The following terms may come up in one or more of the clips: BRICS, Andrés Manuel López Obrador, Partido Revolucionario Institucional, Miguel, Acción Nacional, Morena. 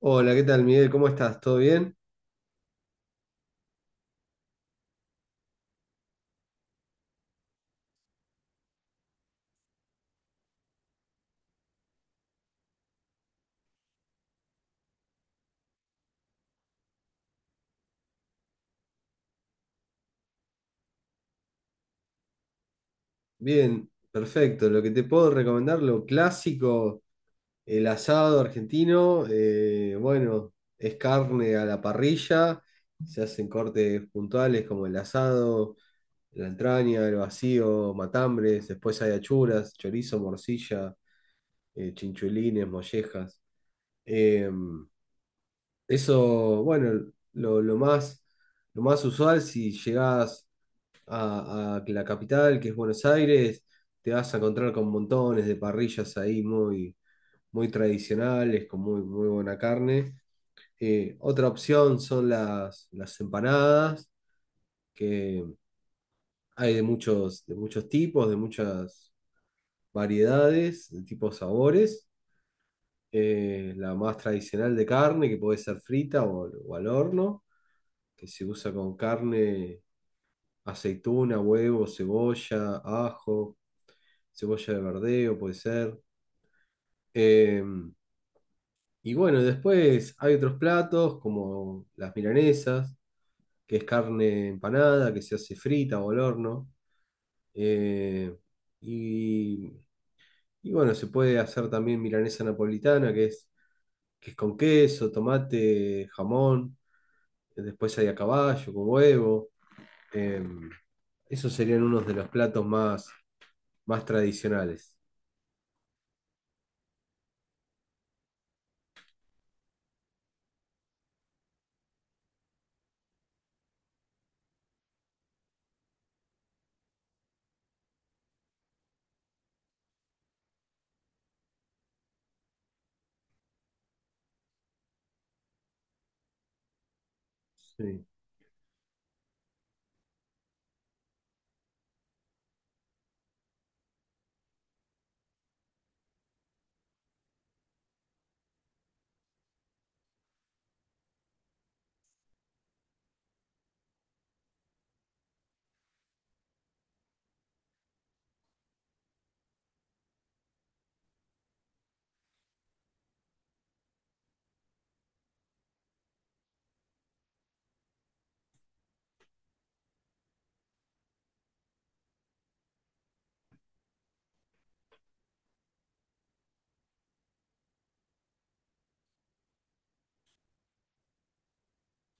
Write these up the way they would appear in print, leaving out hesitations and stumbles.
Hola, ¿qué tal, Miguel? ¿Cómo estás? ¿Todo bien? Bien, perfecto. Lo que te puedo recomendar, lo clásico, el asado argentino, bueno, es carne a la parrilla, se hacen cortes puntuales como el asado, la entraña, el vacío, matambres, después hay achuras, chorizo, morcilla, chinchulines, mollejas. Eh, eso, bueno, lo más usual si llegás a la capital, que es Buenos Aires. Te vas a encontrar con montones de parrillas ahí muy, muy tradicionales, con muy, muy buena carne. Otra opción son las empanadas, que hay de muchos tipos, de muchas variedades, de tipos sabores. La más tradicional de carne, que puede ser frita o al horno, que se usa con carne, aceituna, huevo, cebolla, ajo cebolla de verdeo, puede ser. Eh, y bueno, después hay otros platos como las milanesas, que es carne empanada, que se hace frita o al horno. Eh, y, y bueno, se puede hacer también milanesa napolitana, que es con queso, tomate, jamón. Después hay a caballo, con huevo. Eh, esos serían unos de los platos más tradicionales. Sí.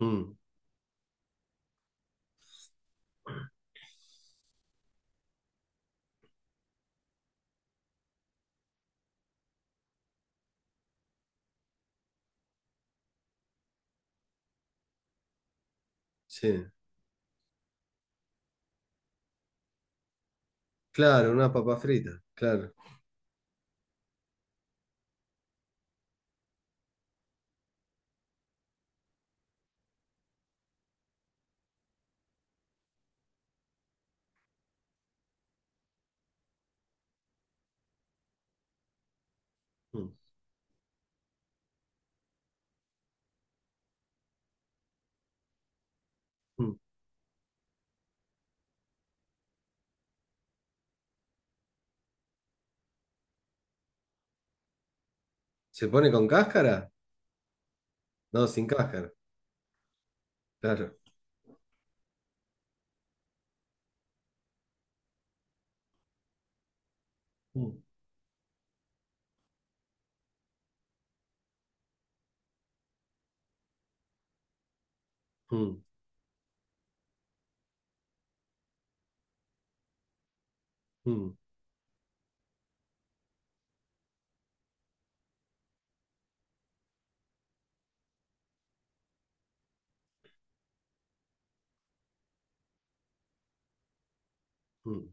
Mm, sí. Claro, una papa frita, claro. Mm, mm. ¿Se pone con cáscara? No, sin cáscara, claro. Mm, mm, mm, mm.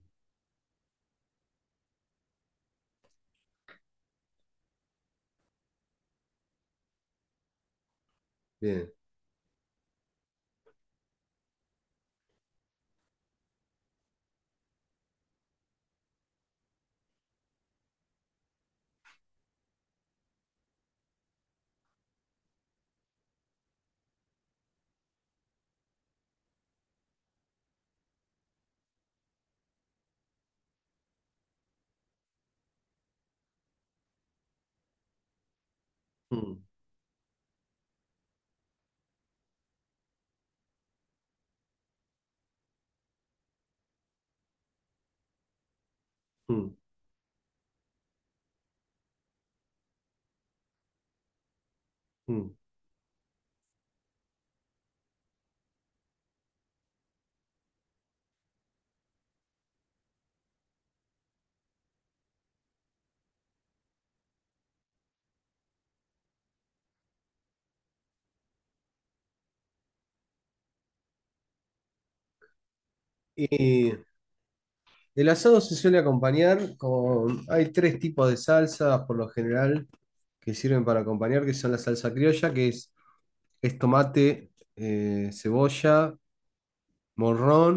Bien. Mm, mm, mm. Y el asado se suele acompañar Hay tres tipos de salsas por lo general que sirven para acompañar, que son la salsa criolla, que es tomate, cebolla, morrón,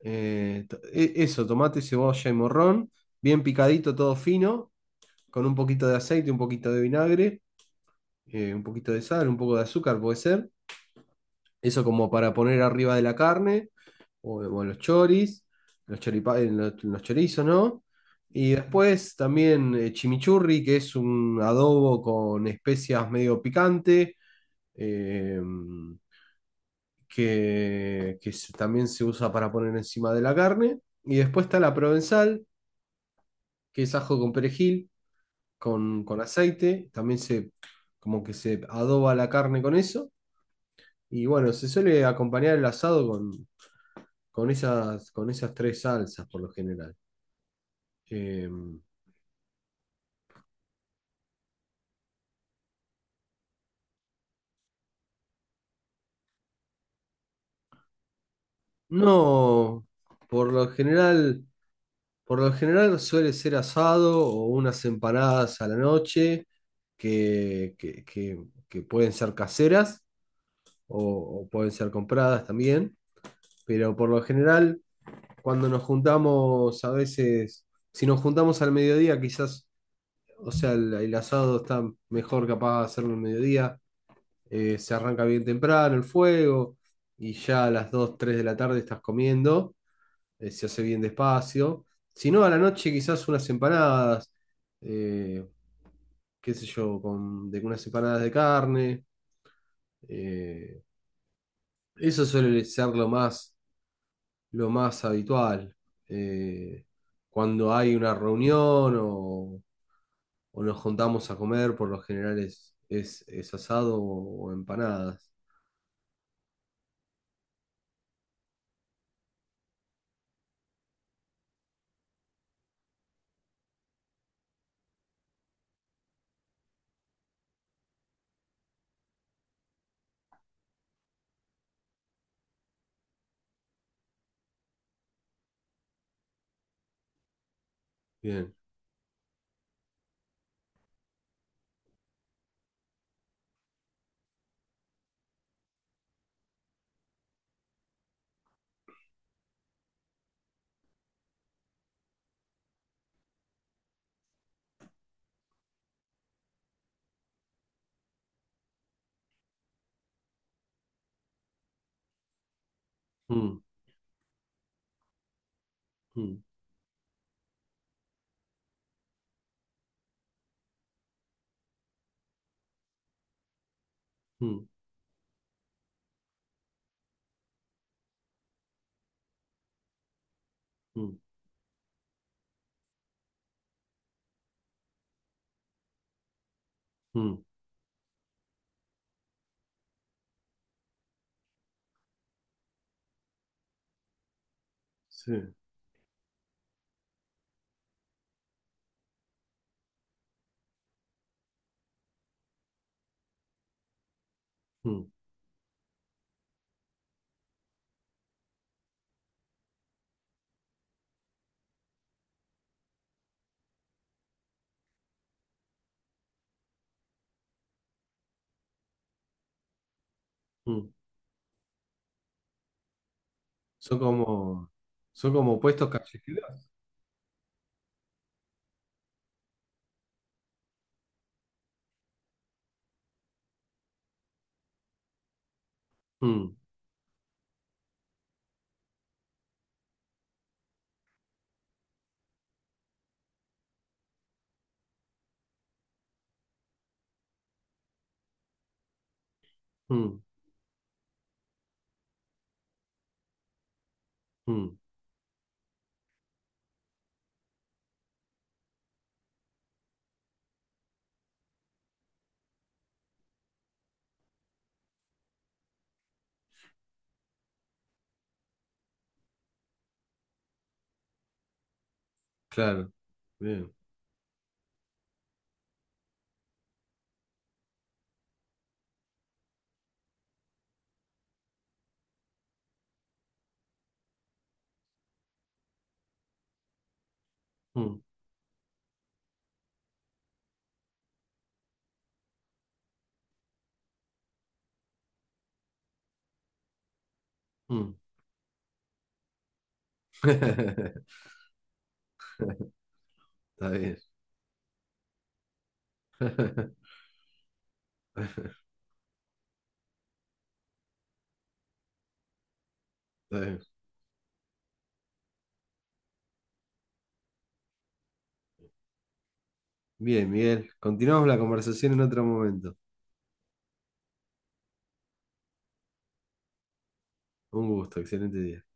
eso, tomate, cebolla y morrón, bien picadito, todo fino, con un poquito de aceite, un poquito de vinagre. Un poquito de sal, un poco de azúcar, puede ser. Eso como para poner arriba de la carne o los choris, en los chorizos, ¿no? Y después también chimichurri, que es un adobo con especias medio picante, eh, también se usa para poner encima de la carne. Y después está la provenzal, que es ajo con perejil, con, aceite. También, como que se adoba la carne con eso. Y bueno, se suele acompañar el asado con esas tres salsas por lo general. Eh, no, por lo general, por lo general suele ser asado o unas empanadas a la noche que, que- que- que pueden ser caseras o pueden ser compradas también. Pero por lo general, cuando nos juntamos a veces, si nos juntamos al mediodía, quizás, o sea, el asado está mejor capaz de hacerlo al mediodía, se arranca bien temprano el fuego y ya a las 2 3 de la tarde estás comiendo, se hace bien despacio. Si no, a la noche quizás unas empanadas, eh, qué sé yo, unas empanadas de carne. eh, eso suele ser lo más habitual. eh, cuando hay una reunión o nos juntamos a comer, por lo general es asado o empanadas. Bien. Mm, mm, mm, mm, mm. Sí. Mm, mm. Son como, son como puestos callejeros. Mm, mm, mm. Claro. Bien. Mm, mm. Está bien. Está bien. Bien, Miguel. Continuamos la conversación en otro momento. Un gusto. Excelente día.